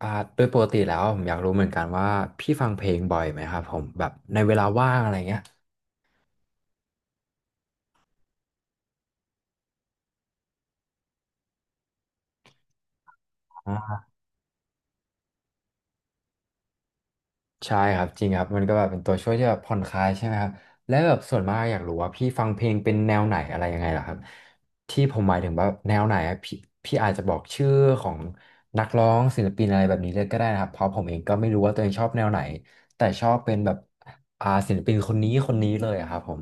อ่าโดยปกติแล้วผมอยากรู้เหมือนกันว่าพี่ฟังเพลงบ่อยไหมครับผมแบบในเวลาว่างอะไรเงี้ยอ่าใช่ครับจริงครับมันก็แบบเป็นตัวช่วยที่แบบผ่อนคลายใช่ไหมครับและแบบส่วนมากอยากรู้ว่าพี่ฟังเพลงเป็นแนวไหนอะไรยังไงล่ะครับที่ผมหมายถึงว่าแนวไหนอะพี่พี่อาจจะบอกชื่อของนักร้องศิลปินอะไรแบบนี้เลยก็ได้นะครับเพราะผมเองก็ไม่รู้ว่าตัวเองชอบแนวไหนแต่ชอบเป็นแบบศิลปินคนนี้คนนี้เลยอะครับผม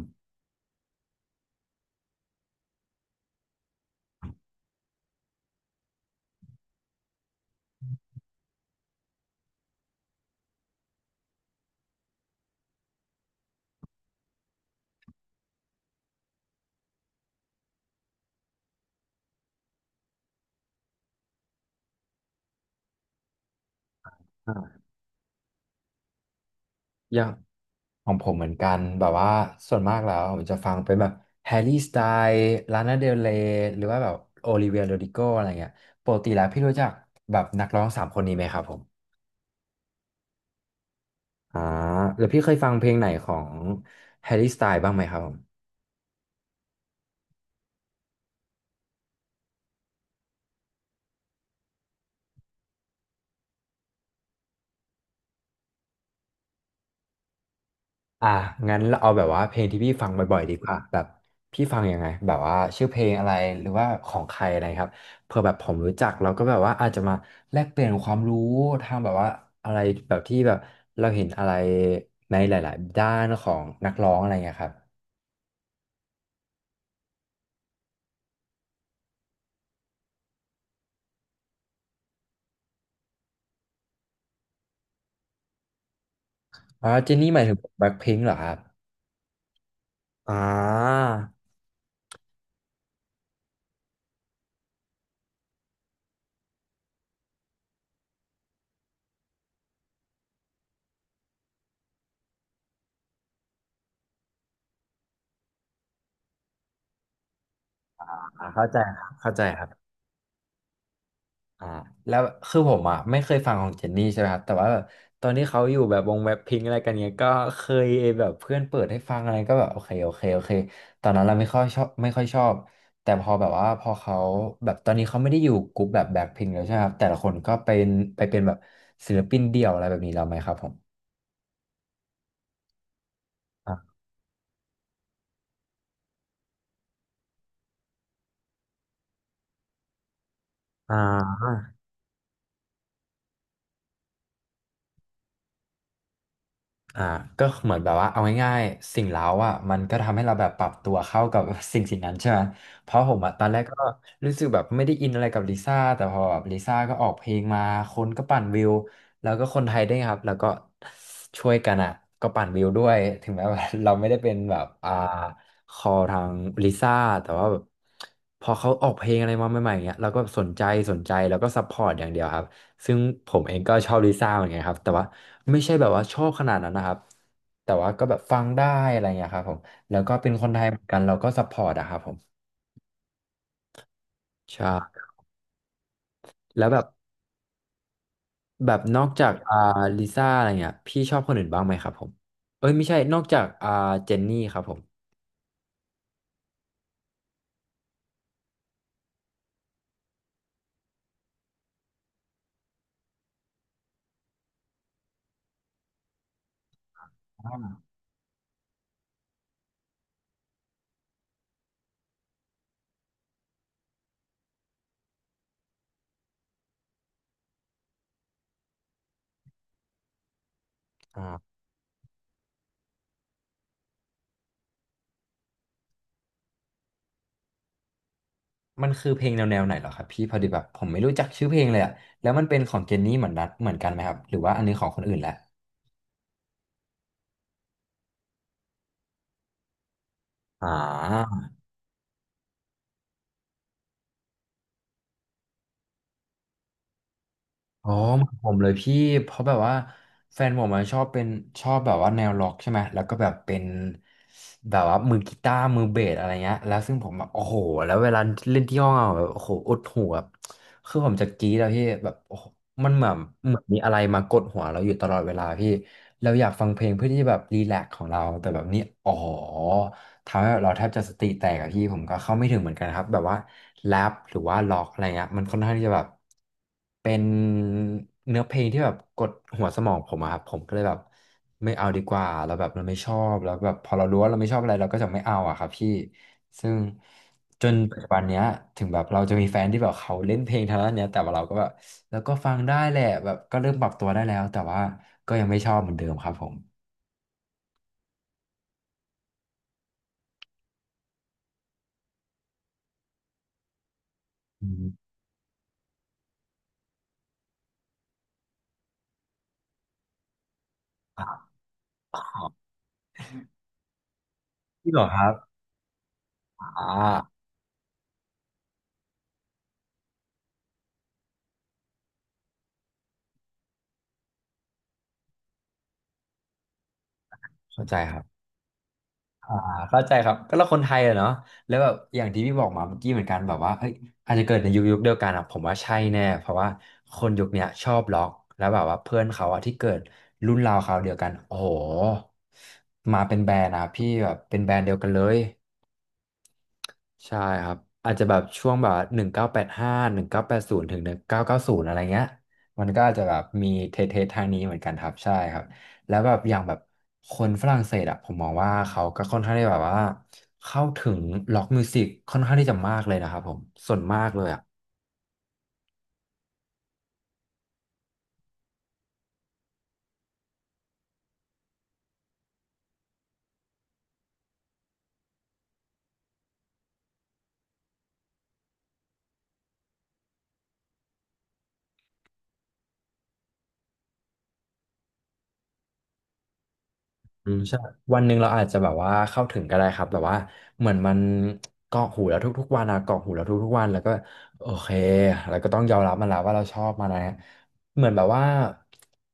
อ่าอย่าง ของผมเหมือนกันแบบว่าส่วนมากแล้วผมจะฟังเป็นแบบแฮร์รี่สไตล์ลานาเดลเรย์หรือว่าแบบโอลิเวียโรดิโกอะไรเงี้ยปกติแล้วพี่รู้จักแบบนักร้องสามคนนี้ไหมครับผมอ่าหรือพี่เคยฟังเพลงไหนของแฮร์รี่สไตล์บ้างไหมครับผม อ่ะงั้นเราเอาแบบว่าเพลงที่พี่ฟังบ่อยๆดีกว่าแบบพี่ฟังยังไงแบบว่าชื่อเพลงอะไรหรือว่าของใครอะไรครับเผื่อแบบผมรู้จักเราก็แบบว่าอาจจะมาแลกเปลี่ยนความรู้ทางแบบว่าอะไรแบบที่แบบเราเห็นอะไรในหลายๆด้านของนักร้องอะไรเงี้ยครับอ๋อเจนนี่หมายถึงแบล็คพิงค์เหรอครับอ่าเข้าใจครับเข้าใจครับ อ่าแล้วคือผมอ่ะไม่เคยฟังของเจนนี่ใช่ไหมครับแต่ว่าแบบตอนที่เขาอยู่แบบวงแบ็คพิงอะไรกันเนี้ยก็เคยแบบเพื่อนเปิดให้ฟังอะไรก็แบบโอเคโอเคโอเคตอนนั้นเราไม่ค่อยชอบไม่ค่อยชอบแต่พอแบบว่าพอเขาแบบตอนนี้เขาไม่ได้อยู่กลุ่มแบบแบ็คพิงแล้วใช่ไหมครับแต่ละคนก็เป็นไปเป็นแบบศิลปินเดี่ยวอะไรแบบนี้แล้วไหมครับผมอ่าอ่า อ่าก็เหมือนแบบว่าเอาง่ายๆสิ่งเร้าอ่ะมันก็ทำให้เราแบบปรับตัวเข้ากับ สิ่งสิ่งนั้นใช่ไหมเพราะผมอ่ะตอนแรกก็รู้สึกแบบไม่ได้อินอะไรกับลิซ่าแต่พอแบบลิซ่าก็ออกเพลงมาคนก็ปั่นวิวแล้วก็คนไทยด้วยครับแล้วก็ช่วยกันอ่ะก็ปั่นวิวด้วยถึงแม้ว่า เราไม่ได้เป็นแบบคอทางลิซ่าแต่ว่าแบบพอเขาออกเพลงอะไรมาใหม่ๆเงี้ยเราก็สนใจสนใจแล้วก็ซัพพอร์ตอย่างเดียวครับ ซึ่งผมเองก็ชอบลิซ่าเหมือนกันครับแต่ว่าไม่ใช่แบบว่าชอบขนาดนั้นนะครับแต่ว่าก็แบบฟังได้อะไรเงี้ยครับผมแล้วก็เป็นคนไทยเหมือนกันเราก็ซัพพอร์ตอะครับผมใช่แล้วแบบนอกจากลิซ่าอะไรเงี้ยพี่ชอบคนอื่นบ้างไหมครับผมเอ้ยไม่ใช่นอกจากเจนนี่ครับผมอ่ามันคือเพลงแนวไหนเหรอครับพี่พอดีแบบผมไม่รู้จักชื่อเพลงเลยอะแล้วมันเป็นของเจนนี่เหมือนนัดเหมือนกันไหมครับหรือว่าอันนี้ของคนอื่นแหละอ่า อ๋อเหมือนผมเลยพี่เพราะแบบว่าแฟนผมอะชอบเป็นชอบแบบว่าแนวร็อกใช่ไหมแล้วก็แบบเป็นแบบว่ามือกีตาร์มือเบสอะไรเงี้ยแล้วซึ่งผมแบบโอ้โหแล้วเวลาเล่นที่ห้องอะแบบโอ้โหอดหูแบบคือผมจะกรี๊ดอะพี่แบบโอ้โหมันเหมือนมีอะไรมากดหัวเราอยู่ตลอดเวลาพี่เราอยากฟังเพลงเพื่อที่จะแบบรีแลกซ์ของเราแต่แบบนี้อ๋อ ทำให้แบบเราแทบจะสติแตกอะพี่ผมก็เข้าไม่ถึงเหมือนกันครับแบบว่าแรปหรือว่าล็อกอะไรเงี้ยมันค่อนข้างที่จะแบบเป็นเนื้อเพลงที่แบบกดหัวสมองผมอะครับผมก็เลยแบบไม่เอาดีกว่าเราแล้วแบบเราไม่ชอบแล้วแบบพอเรารู้ว่าเราไม่ชอบอะไรเราก็จะไม่เอาอะครับพี่ซึ่งจนปัจจุบันเนี้ยถึงแบบเราจะมีแฟนที่แบบเขาเล่นเพลงทางด้านเนี้ยแต่ว่าเราก็แบบแล้วก็ฟังได้แหละแบบก็เริ่มปรับตัวได้แล้วแต่ว่าก็ยังไม่ชอบเหมือนเดิมครับผมอืมครับพี่เหรอครับอ่า เข้าใจครับอ่าเข้าใจครับก็เราคนไทยอะเนาะแล้วแบบอย่างที่พี่บอกมาเมื่อกี้เหมือนกันแบบว่าเอ้ยอาจจะเกิดในยุคเดียวกันอะผมว่าใช่แน่เพราะว่าคนยุคเนี้ยชอบล็อกแล้วแบบว่าเพื่อนเขาอะที่เกิดรุ่นราวคราวเดียวกันโอ้โหมาเป็นแบรนด์อะพี่แบบเป็นแบรนด์เดียวกันเลย ใช่ครับอาจจะแบบช่วงแบบ19851980ถึง1990อะไรเงี้ยมันก็อาจจะแบบมีเททางนี้เหมือนกันครับใช่ครับแล้วแบบอย่างแบบคนฝรั่งเศสอะผมมองว่าเขาก็ค่อนข้างที่แบบว่าเข้าถึงล็อกมิวสิกค่อนข้างที่จะมากเลยนะครับผมส่วนมากเลยอะ อืมใช่วันหนึ่งเราอาจจะแบบว่าเข้าถึงก็ได้ครับแบบว่าเหมือนมันเกาะหูแล้วทุกๆวันอะเกาะหูแล้วทุกๆวันแล้วก็โอเคแล้วก็ต้องยอมรับมันแล้วว่าเราชอบมันนะเหมือนแบบว่า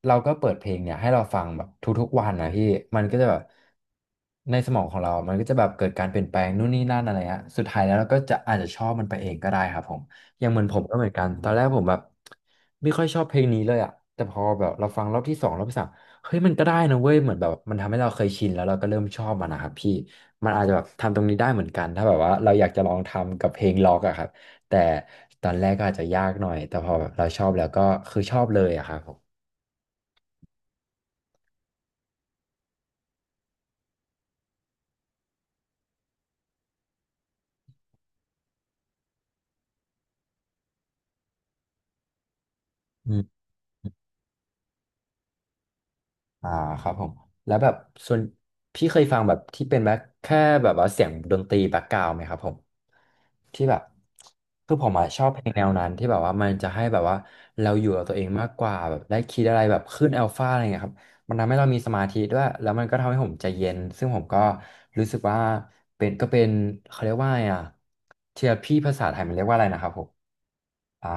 เราก็เปิดเพลงเนี่ยให้เราฟังแบบทุกๆวันนะพี่มันก็จะแบบในสมองของเรามันก็จะแบบเกิดการเปลี่ยนแปลงนู่นนี่นั่นอะไรฮะสุดท้ายแล้วเราก็จะอาจจะชอบมันไปเองก็ได้ครับผมอย่างเหมือนผมก็เหมือนกันตอนแรกผมแบบไม่ค่อยชอบเพลงนี้เลยอะแต่พอแบบเราฟังรอบที่สองรอบที่สาม เฮ้ยมันก็ได้นะเว้ยเหมือนแบบมันทำให้เราเคยชินแล้วเราก็เริ่มชอบมันนะครับพี่มันอาจจะแบบทำตรงนี้ได้เหมือนกันถ้าแบบว่าเราอยากจะลองทำกับเพลงล็อกอะครับแต่ตอนแรกก็อาจจะยากหน่อยแต่พอแบบเราชอบแล้วก็คือชอบเลยอะครับผม อ่าครับผมแล้วแบบส่วนพี่เคยฟังแบบที่เป็นแบบแค่แบบว่าเสียงดนตรีแบ็กกราวด์ไหมครับผมที่แบบคือผมอะชอบเพลงแนวนั้นที่แบบว่ามันจะให้แบบว่าเราอยู่กับตัวเองมากกว่าแบบได้คิดอะไรแบบขึ้นอัลฟาอะไรเงี้ยครับมันทำให้เรามีสมาธิด้วยแล้วมันก็ทำให้ผมใจเย็นซึ่งผมก็รู้สึกว่าเป็นเขาเรียกว่าไงอะเทอราพีภาษาไทยมันเรียกว่าอะไรนะครับผมอ่า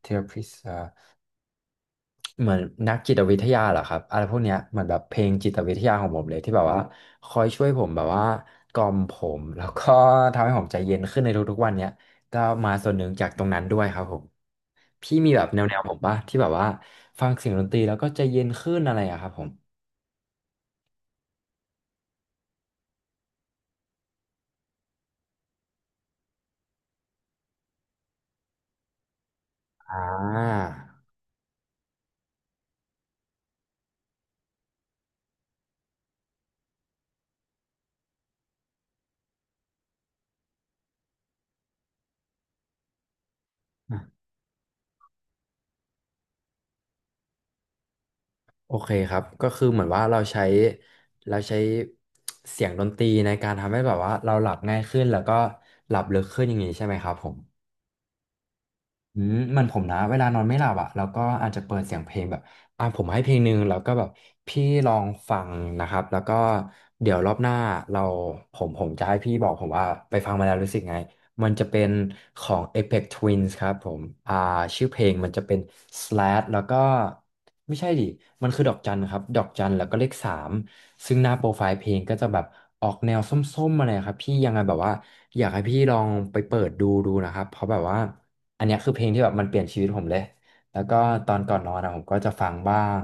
เทอราพี เหมือนนักจิตวิทยาเหรอครับอะไรพวกเนี้ยเหมือนแบบเพลงจิตวิทยาของผมเลยที่แบบว่าคอยช่วยผมแบบว่ากล่อมผมแล้วก็ทำให้ผมใจเย็นขึ้นในทุกๆวันเนี้ยก็มาส่วนหนึ่งจากตรงนั้นด้วยครับผมพี่มีแบบแนวๆผมปะที่แบบว่าฟังเสียงดนตรีแล้วก็ใจเย็นขึ้นอะไรอะครับผมอ่าโอเคครับก็คือเหมือนว่าเราใช้เสียงดนตรีในการทำให้แบบว่าเราหลับง่ายขึ้นแล้วก็หลับลึกขึ้นอย่างนี้ใช่ไหมครับผม อืมมันผมนะเวลานอนไม่หลับอ่ะแล้วก็อาจจะเปิดเสียงเพลงแบบอ่ะผมให้เพลงหนึ่งแล้วก็แบบพี่ลองฟังนะครับแล้วก็เดี๋ยวรอบหน้าเราผมจะให้พี่บอกผมว่าไปฟังมาแล้วรู้สึกไง มันจะเป็นของ Apex Twins ครับผมชื่อเพลงมันจะเป็น slash แล้วก็ไม่ใช่ดิมันคือดอกจันครับดอกจันแล้วก็เลขสามซึ่งหน้าโปรไฟล์เพลงก็จะแบบออกแนวส้มๆอะไรครับพี่ยังไงแบบว่าอยากให้พี่ลองไปเปิดดูนะครับเพราะแบบว่าอันเนี้ยคือเพลงที่แบบมันเปลี่ยนชีวิตผมเลย แล้วก็ตอนก่อนนอนนะผมก็จะฟังบ้าง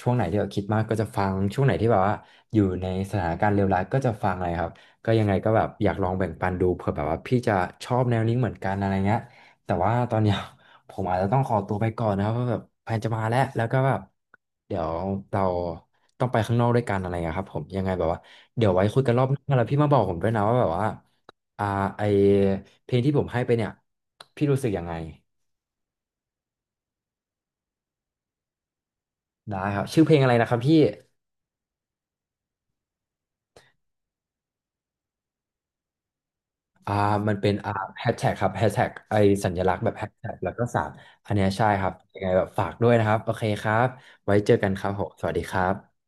ช่วงไหนที่แบบคิดมากก็จะฟังช่วงไหนที่แบบว่าอยู่ในสถานการณ์เลวร้ายก็จะฟังอะไรครับ ก็ยังไงก็แบบอยากลองแบ่งปันดูเผื่อแบบว่าพี่จะชอบแนวนี้เหมือนกันอะไรเงี้ยแต่ว่าตอนเนี้ย ผมอาจจะต้องขอตัวไปก่อนนะครับเพราะแบบแฟนจะมาแล้วแล้วก็แบบเดี๋ยวเราต้องไปข้างนอกด้วยกันอะไรเงี้ยครับผมยังไงแบบว่าเดี๋ยวไว้คุยกันรอบหน้าแล้วพี่มาบอกผมด้วยนะว่าแบบว่าอ่าไอเพลงที่ผมให้ไปเนี่ยพี่รู้สึกยังไงได้ครับชื่อเพลงอะไรนะครับพี่ อ่ามันเป็นแฮชแท็กครับแฮชแท็กไอสัญลักษณ์แบบแฮชแท็กแล้วก็สามอันเนี้ยใช่ครับยังไงแบบฝากด้วยนะครับโอเคครับไว้เจอกันครับผมสวัสดีครับ